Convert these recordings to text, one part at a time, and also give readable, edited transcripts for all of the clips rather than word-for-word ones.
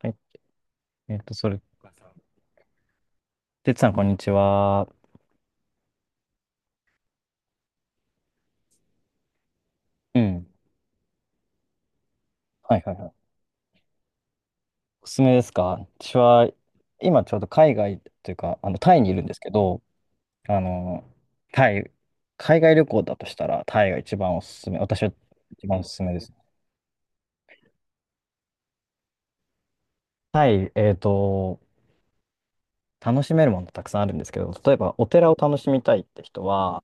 はい。えっと、それ、さ、てつさん、こんにちは。うん。はいはいはい。おすすめですか？私は、今ちょうど海外というか、タイにいるんですけど、あの、タイ、海外旅行だとしたら、タイが一番おすすめ。私は一番おすすめです。タイ、えっと、楽しめるものたくさんあるんですけど、例えばお寺を楽しみたいって人は、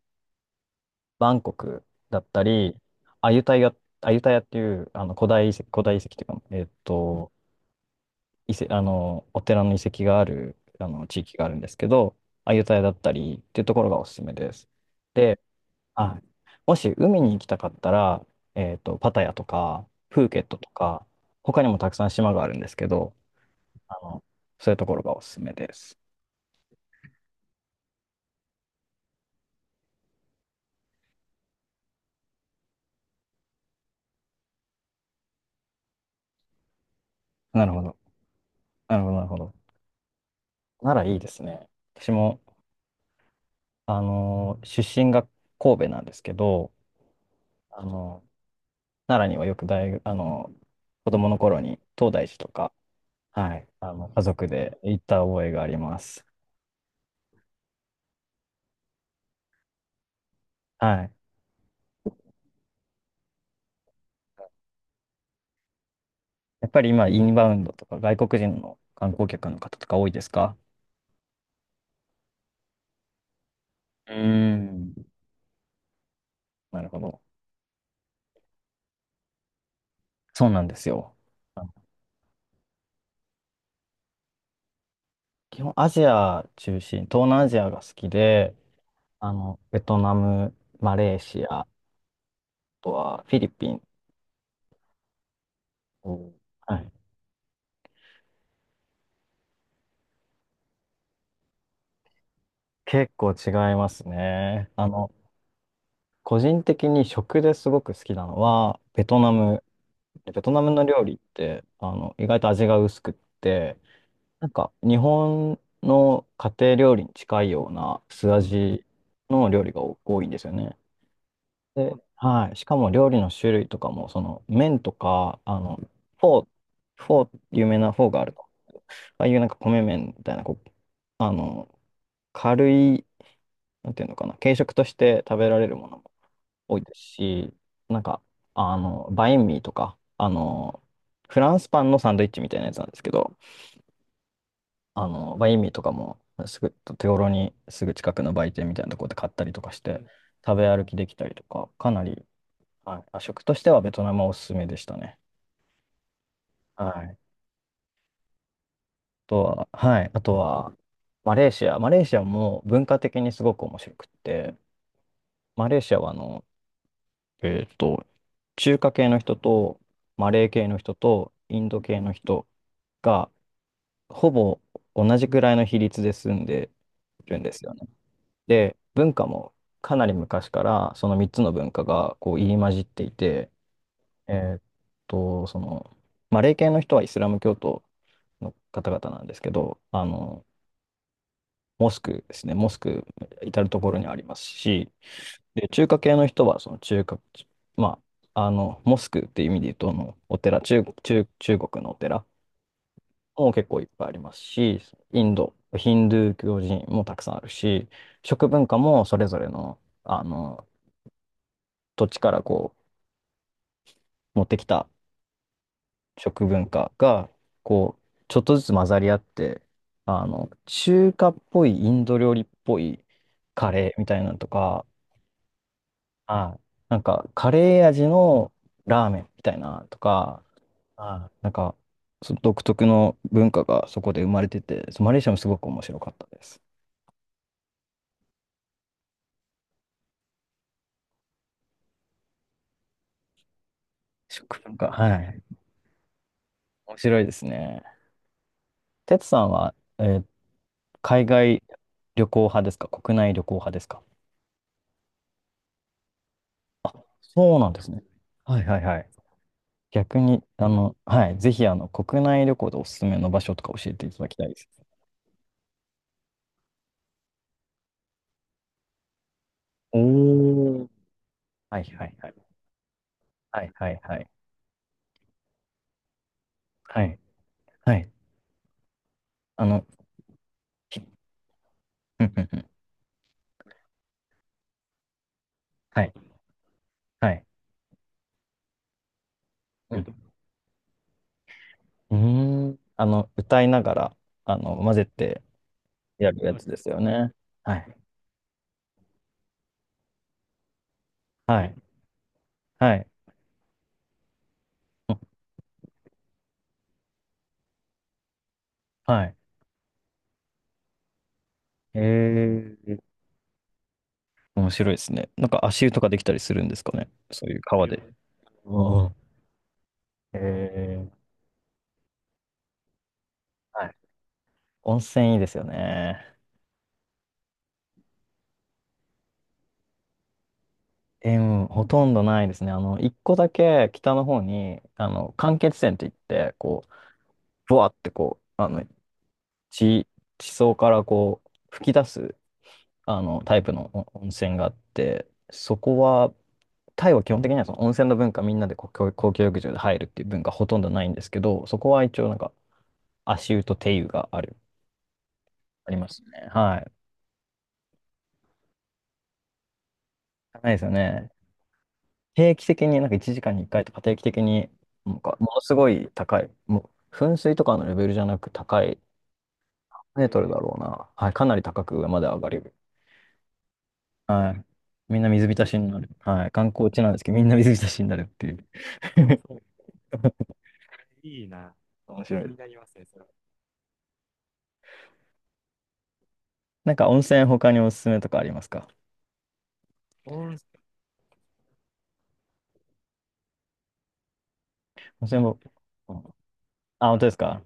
バンコクだったり、アユタヤ、アユタヤっていう、古代遺跡っていうか、えっと、遺跡、あの、お寺の遺跡がある、地域があるんですけど、アユタヤだったりっていうところがおすすめです。で、はい。もし海に行きたかったら、パタヤとか、プーケットとか、他にもたくさん島があるんですけど、あの、そういうところがおすすめです。なるほど。なるほど、なるほど。ならいいですね。私も、あの、出身が神戸なんですけど、あの、奈良にはよく大学、子供の頃に東大寺とか、はい。家族で行った覚えがあります。はい。やっぱり今、インバウンドとか外国人の観光客の方とか多いですか？うーん。なるほど。そうなんですよ。あの基本アジア中心、東南アジアが好きで、ベトナム、マレーシア、あとはフィリピン。おー。はい。結構違いますね。個人的に食ですごく好きなのは、ベトナム。ベトナムの料理って、意外と味が薄くって、なんか日本の家庭料理に近いような素味の料理が多いんですよね。で、はい。しかも料理の種類とかも、その麺とか、フォー、フォー、有名なフォーがあると。ああいうなんか米麺みたいな、こう、あの、軽い、なんていうのかな、軽食として食べられるものも多いですし、なんか、バインミーとか、フランスパンのサンドイッチみたいなやつなんですけど、意味とかも、すぐ、手頃にすぐ近くの売店みたいなところで買ったりとかして、食べ歩きできたりとか、かなり、はい、あ、食としてはベトナムはおすすめでしたね。はい。あとは、はい。あとは、マレーシア。マレーシアも文化的にすごく面白くって、マレーシアはえっと、中華系の人と、マレー系の人と、インド系の人が、ほぼ同じくらいの比率で住んでるんですよね。で、文化もかなり昔からその3つの文化がこう入り混じっていて、えーっと、その、マレー系の人はイスラム教徒の方々なんですけど、モスクですね、モスク至る所にありますし、で、中華系の人はその中華、まモスクっていう意味で言うと、あのお寺、中、中、中国のお寺も結構いっぱいありますし、インド、ヒンドゥー教寺院もたくさんあるし、食文化もそれぞれの、土地からこう持ってきた食文化がこうちょっとずつ混ざり合って、あの中華っぽいインド料理っぽいカレーみたいなのとか、はい、なんかカレー味のラーメンみたいなとか、はい、なんかその独特の文化がそこで生まれてて、そうマレーシアもすごく面白かったです。食文化、はい。面白いですね。テツさんは、えー海外旅行派ですか、国内旅行派ですか？あ、そうなんですね。はいはいはい。逆に、はい、ぜひ、国内旅行でおすすめの場所とか教えていただきたいです。おー。はいはいはい。はいはいはい。はい。はい。あの、ひうんうんうん。はい。はい。うん。うーん、あの、歌いながら、混ぜてやるやつですよね。はい。はい。はい。うん、はい。えー、面白いですね。なんか足湯とかできたりするんですかね。そういう川で。うん。えー、はい、温泉いいですよね。え、うん、ほとんどないですね。一個だけ北の方に、間欠泉って言って、こう、ブワーってこう、地、地層からこう、吹き出す、タイプのお温泉があって、そこは、タイは基本的にはその温泉の文化みんなでこう公共浴場で入るっていう文化ほとんどないんですけど、そこは一応なんか足湯と手湯がある、ありますね。はい。ないですよね。定期的に、なんか1時間に1回とか定期的に、なんかものすごい高い、もう噴水とかのレベルじゃなく高い、何メートルだろうな。はい、かなり高く上まで上がる。はい。みんな水浸しになる。はい。観光地なんですけど、みんな水浸しになるっていう。面白い、は。なんか温泉他におすすめとかありますか？温泉も、うん、あ、本当ですか？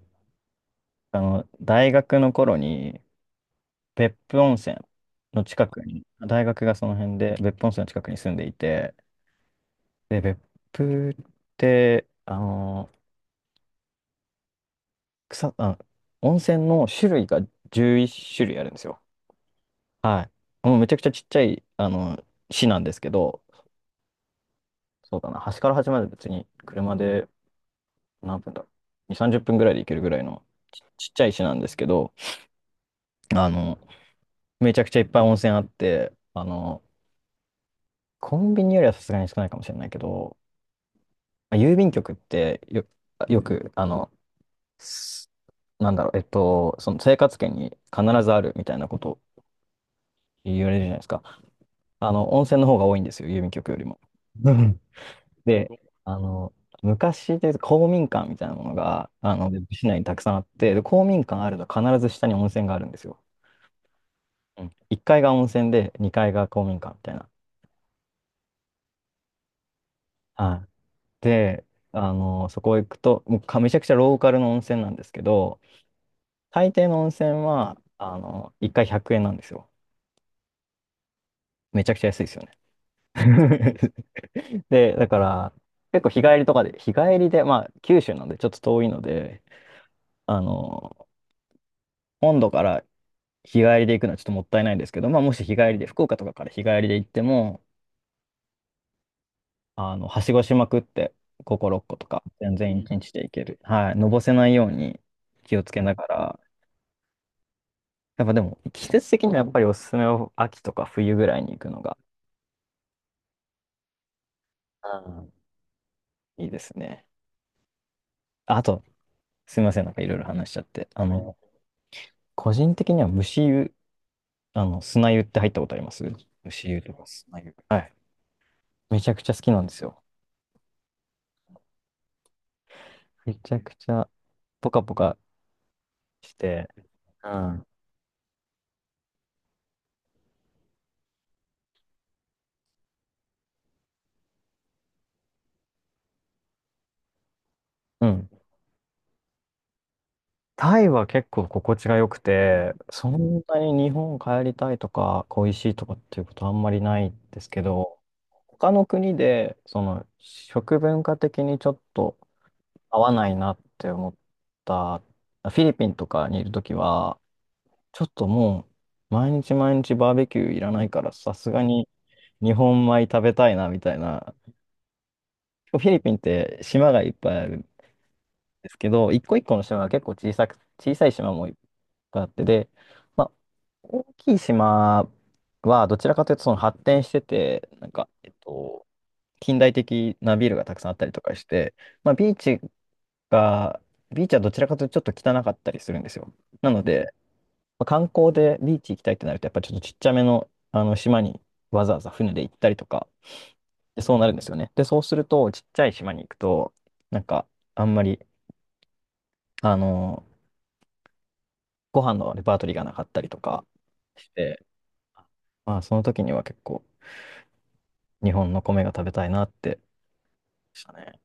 大学の頃に別府温泉の近くに、大学がその辺で別府温泉の近くに住んでいて、で、別府って、あの草、あ、温泉の種類が11種類あるんですよ。はい。もうめちゃくちゃちっちゃい、市なんですけど、そうだな、端から端まで別に車で何分だろう。2、30分ぐらいで行けるぐらいのちっちゃい市なんですけど、あの、めちゃくちゃいっぱい温泉あって、コンビニよりはさすがに少ないかもしれないけど、まあ郵便局ってよく、なんだろう、その生活圏に必ずあるみたいなことを言われるじゃないですか。温泉の方が多いんですよ、郵便局よりも。うん。で、あの、昔でいうと公民館みたいなものが、市内にたくさんあって、で、公民館あると必ず下に温泉があるんですよ。うん、1階が温泉で、2階が公民館みたいな。はい。で、そこ行くと、もうめちゃくちゃローカルの温泉なんですけど、大抵の温泉は、1回100円なんですよ。めちゃくちゃ安いですよね。 で、だから、結構日帰りとかで、日帰りで、まあ、九州なんでちょっと遠いので、あの、本土から日帰りで行くのはちょっともったいないんですけど、まあ、もし日帰りで、福岡とかから日帰りで行っても、はしごしまくって、5個、6個とか、全然1日で行ける。はい、のぼせないように気をつけながら、やっぱでも、季節的にはやっぱりおすすめは秋とか冬ぐらいに行くのが、うん、いいですね。あと、すみません、なんかいろいろ話しちゃって。個人的には蒸し湯、砂湯って入ったことあります？牛湯とか砂湯。はい。めちゃくちゃ好きなんですよ。めちゃくちゃポカポカして、うん。うん。タイは結構心地が良くて、そんなに日本帰りたいとか恋しいとかっていうことあんまりないんですけど、他の国でその食文化的にちょっと合わないなって思ったフィリピンとかにいるときは、ちょっともう毎日毎日バーベキューいらないからさすがに日本米食べたいなみたいな。結構フィリピンって島がいっぱいあるんですけど、一個一個の島が結構小さく、小さい島もいっぱいあってで、まあ、大きい島はどちらかというとその発展してて、近代的なビルがたくさんあったりとかして、まあ、が、ビーチはどちらかというとちょっと汚かったりするんですよ。なので、まあ観光でビーチ行きたいってなると、やっぱちょっとちっちゃめの、あの島にわざわざ船で行ったりとか、でそうなるんですよね。で、そうすると、ちっちゃい島に行くと、なんか、あんまり、あの、ご飯のレパートリーがなかったりとかして、まあ、その時には結構、日本の米が食べたいなってでしたね。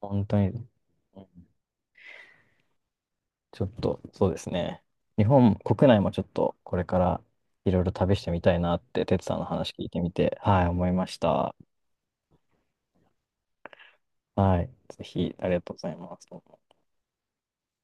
本当に、うん。ちょっと、そうですね。日本国内もちょっと、これから、いろいろ旅してみたいなって、哲さんの話聞いてみて、はい、思いました。はい、ぜひ、ありがとうございます。